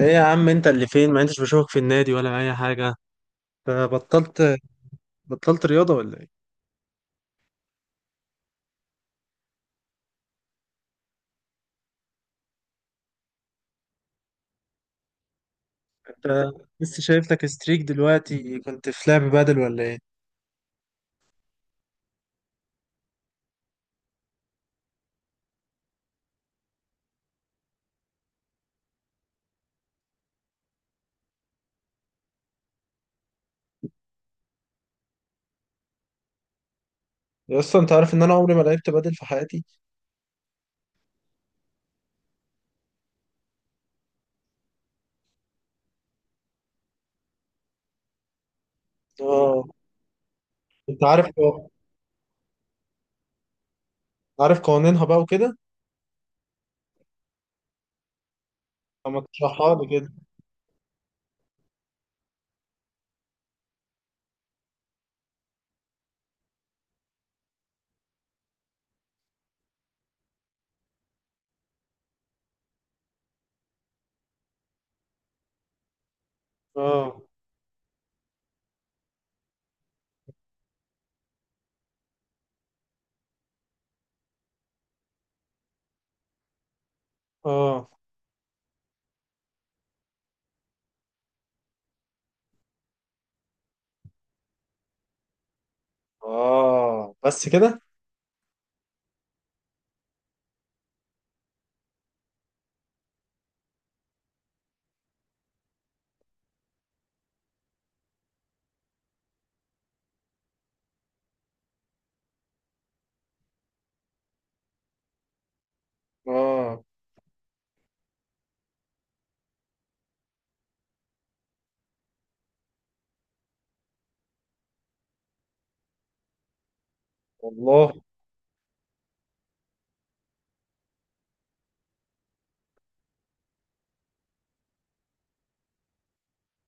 ايه يا عم؟ انت اللي فين؟ ما انتش بشوفك في النادي ولا اي حاجه؟ بطلت. بطلت رياضه ولا ايه؟ انت لسه شايف لك ستريك دلوقتي، كنت في لعب بدل ولا ايه؟ يا اسطى، انت عارف ان انا عمري ما لعبت بدل في حياتي. اه. انت عارف. عارف قوانينها بقى وكده؟ اما تشرحها لي كده. اه. اه. اه. بس كده؟ اه. والله.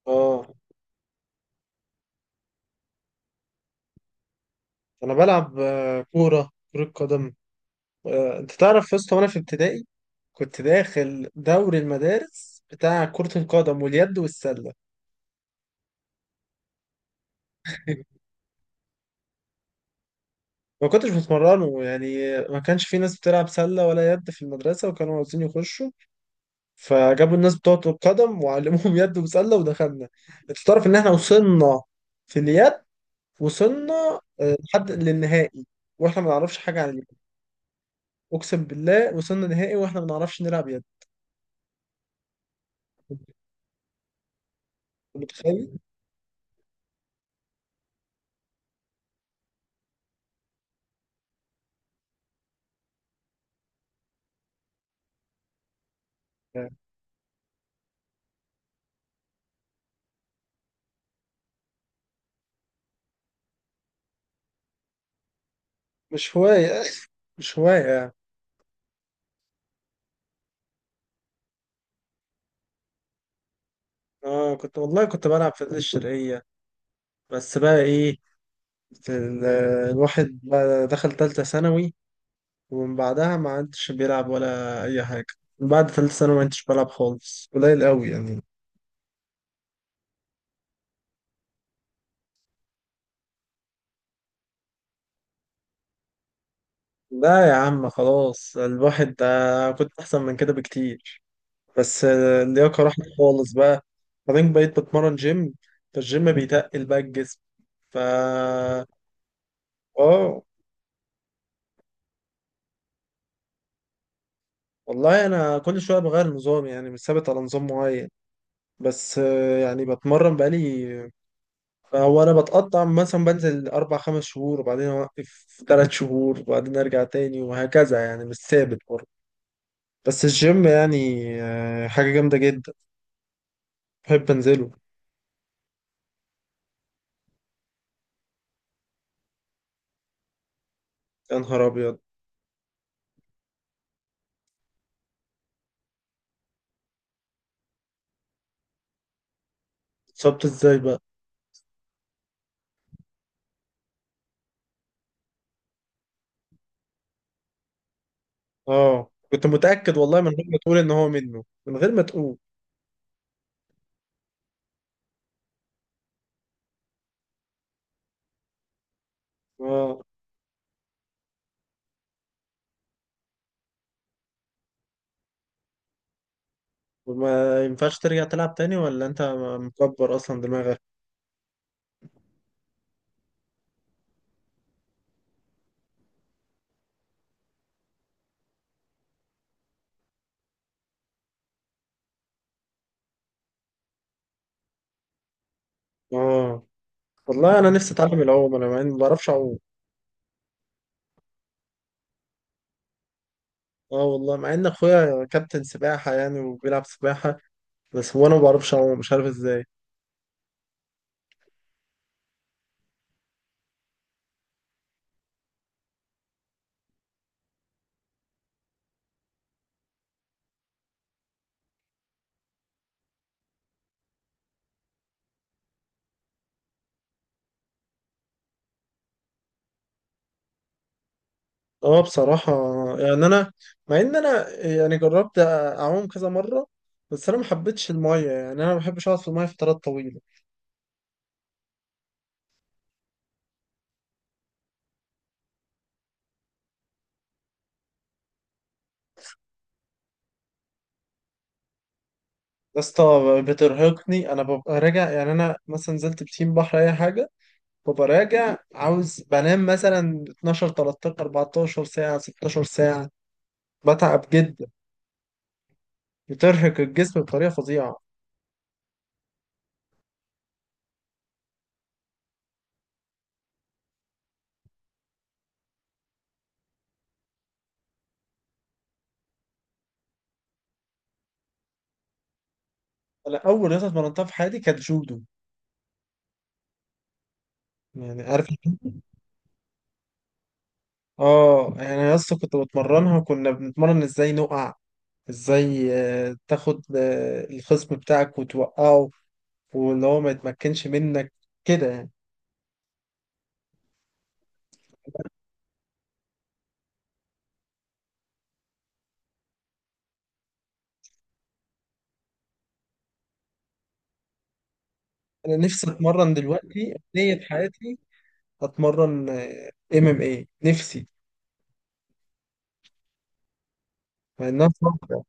اه. انا بلعب كره قدم. انت تعرف يا اسطى وانا في ابتدائي كنت داخل دوري المدارس بتاع كرة القدم واليد والسلة. ما كنتش بتمرنه، يعني ما كانش في ناس بتلعب سلة ولا يد في المدرسة وكانوا عاوزين يخشوا. فجابوا الناس بتوع كرة القدم وعلموهم يد وسلة ودخلنا. انت تعرف ان احنا وصلنا في اليد، وصلنا لحد للنهائي. واحنا ما نعرفش حاجة عن اليد. اقسم بالله وصلنا نهائي واحنا ما نعرفش نلعب يد. أنت متخيل؟ مش هواية. مش هواية يعني. اه، كنت والله كنت بلعب في النادي الشرقية. بس بقى ايه، ال- الواحد بقى دخل تالتة ثانوي، ومن بعدها ما عدتش بيلعب ولا أي حاجة. من بعد تالتة ثانوي ما عدتش بلعب خالص، قليل قوي يعني. لا يا عم، خلاص الواحد ده كنت أحسن من كده بكتير، بس اللياقة راحت خالص بقى. بعدين بقيت بتمرن جيم، فالجيم بيتقل بقى الجسم، فا. اه. والله أنا كل شوية بغير نظام، يعني مش ثابت على نظام معين. بس يعني بتمرن بقالي. هو انا بتقطع، مثلا بنزل اربع خمس شهور وبعدين اوقف ثلاث شهور وبعدين ارجع تاني وهكذا، يعني مش ثابت برضه. بس الجيم يعني حاجة جامدة جدا، بحب انزله. يا نهار ابيض. اتصبت ازاي بقى؟ اه، كنت متأكد والله من غير ما تقول ان هو منه، من غير ما تقول. اه. وما ينفعش ترجع تلعب تاني، ولا انت مكبر اصلا دماغك؟ اه والله انا نفسي اتعلم العوم، انا ما بعرفش اعوم. اه والله مع ان اخويا كابتن سباحة يعني وبيلعب سباحة، بس هو انا ما بعرفش اعوم، مش عارف ازاي. اه بصراحة، يعني انا، مع ان انا يعني جربت اعوم كذا مرة، بس انا ما حبيتش المية، يعني انا ما بحبش اقعد في المية فترات طويلة. يا اسطى بترهقني، انا ببقى راجع يعني انا مثلا نزلت بسين بحر اي حاجة ببقى راجع عاوز بنام مثلا 12 13 14 ساعة، 16 ساعة، بتعب جدا. بترهق الجسم بطريقة فظيعة. انا اول رياضة اتمرنتها في حياتي كانت جودو، يعني عارف. اه يعني انا اصلا كنت بتمرنها وكنا بنتمرن ازاي نقع، ازاي تاخد الخصم بتاعك وتوقعه، واللي هو ما يتمكنش منك كده يعني. انا نفسي اتمرن دلوقتي نية حياتي، اتمرن ام ام اي نفسي، مع انها صعبة.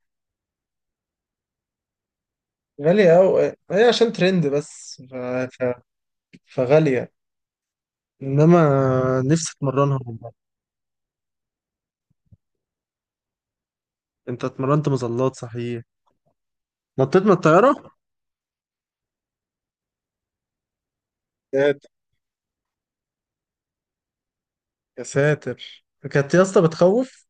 غالية اوي، هي عشان ترند بس، فغالية، انما نفسي اتمرنها والله. انت اتمرنت مظلات صحيح؟ نطيت من الطيارة؟ يا ساتر. كانت يا اسطى بتخوف؟ في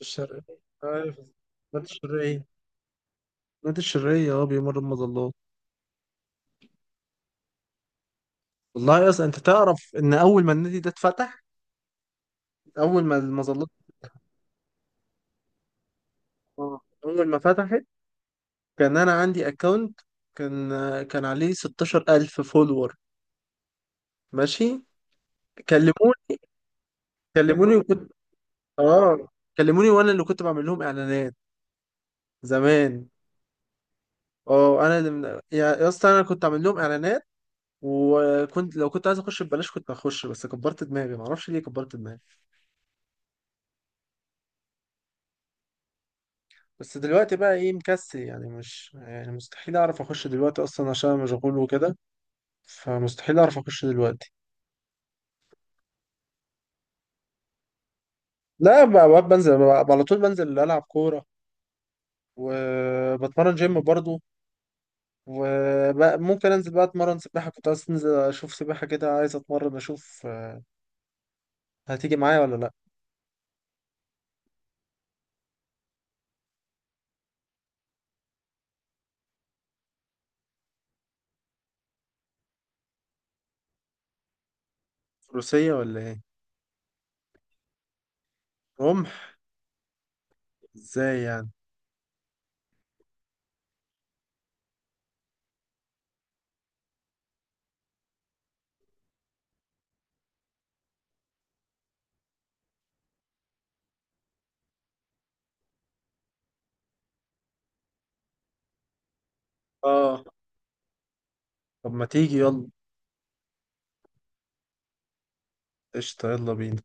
الشرقية، عارف نادي الشرقية؟ نادي الشرقية اه بيمر المظلات. والله يا اسطى انت تعرف ان اول ما النادي ده اتفتح، اول ما المظلات، اه اول ما فتحت، كان انا عندي اكونت، كان كان عليه 16000 فولور، ماشي؟ كلموني كلموني وكنت، اه، كلموني وانا اللي كنت بعمل لهم اعلانات زمان. اه، انا اللي يا اسطى، انا كنت عامل لهم اعلانات، وكنت لو كنت عايز اخش ببلاش كنت هخش، بس كبرت دماغي، معرفش ليه كبرت دماغي. بس دلوقتي بقى ايه، مكسل يعني، مش يعني مستحيل اعرف اخش دلوقتي اصلا عشان أنا مشغول وكده. فمستحيل اعرف اخش دلوقتي. لا، بقى بنزل بقى على طول، بنزل العب كوره، وبتمرن جيم برضو. وممكن انزل بقى اتمرن سباحه، كنت عايز انزل اشوف سباحه كده، عايز اتمرن اشوف. هتيجي معايا ولا لا؟ روسيه ولا ايه؟ رمح؟ ازاي يعني؟ اه طب ما تيجي يلا. قشطه يلا بينا.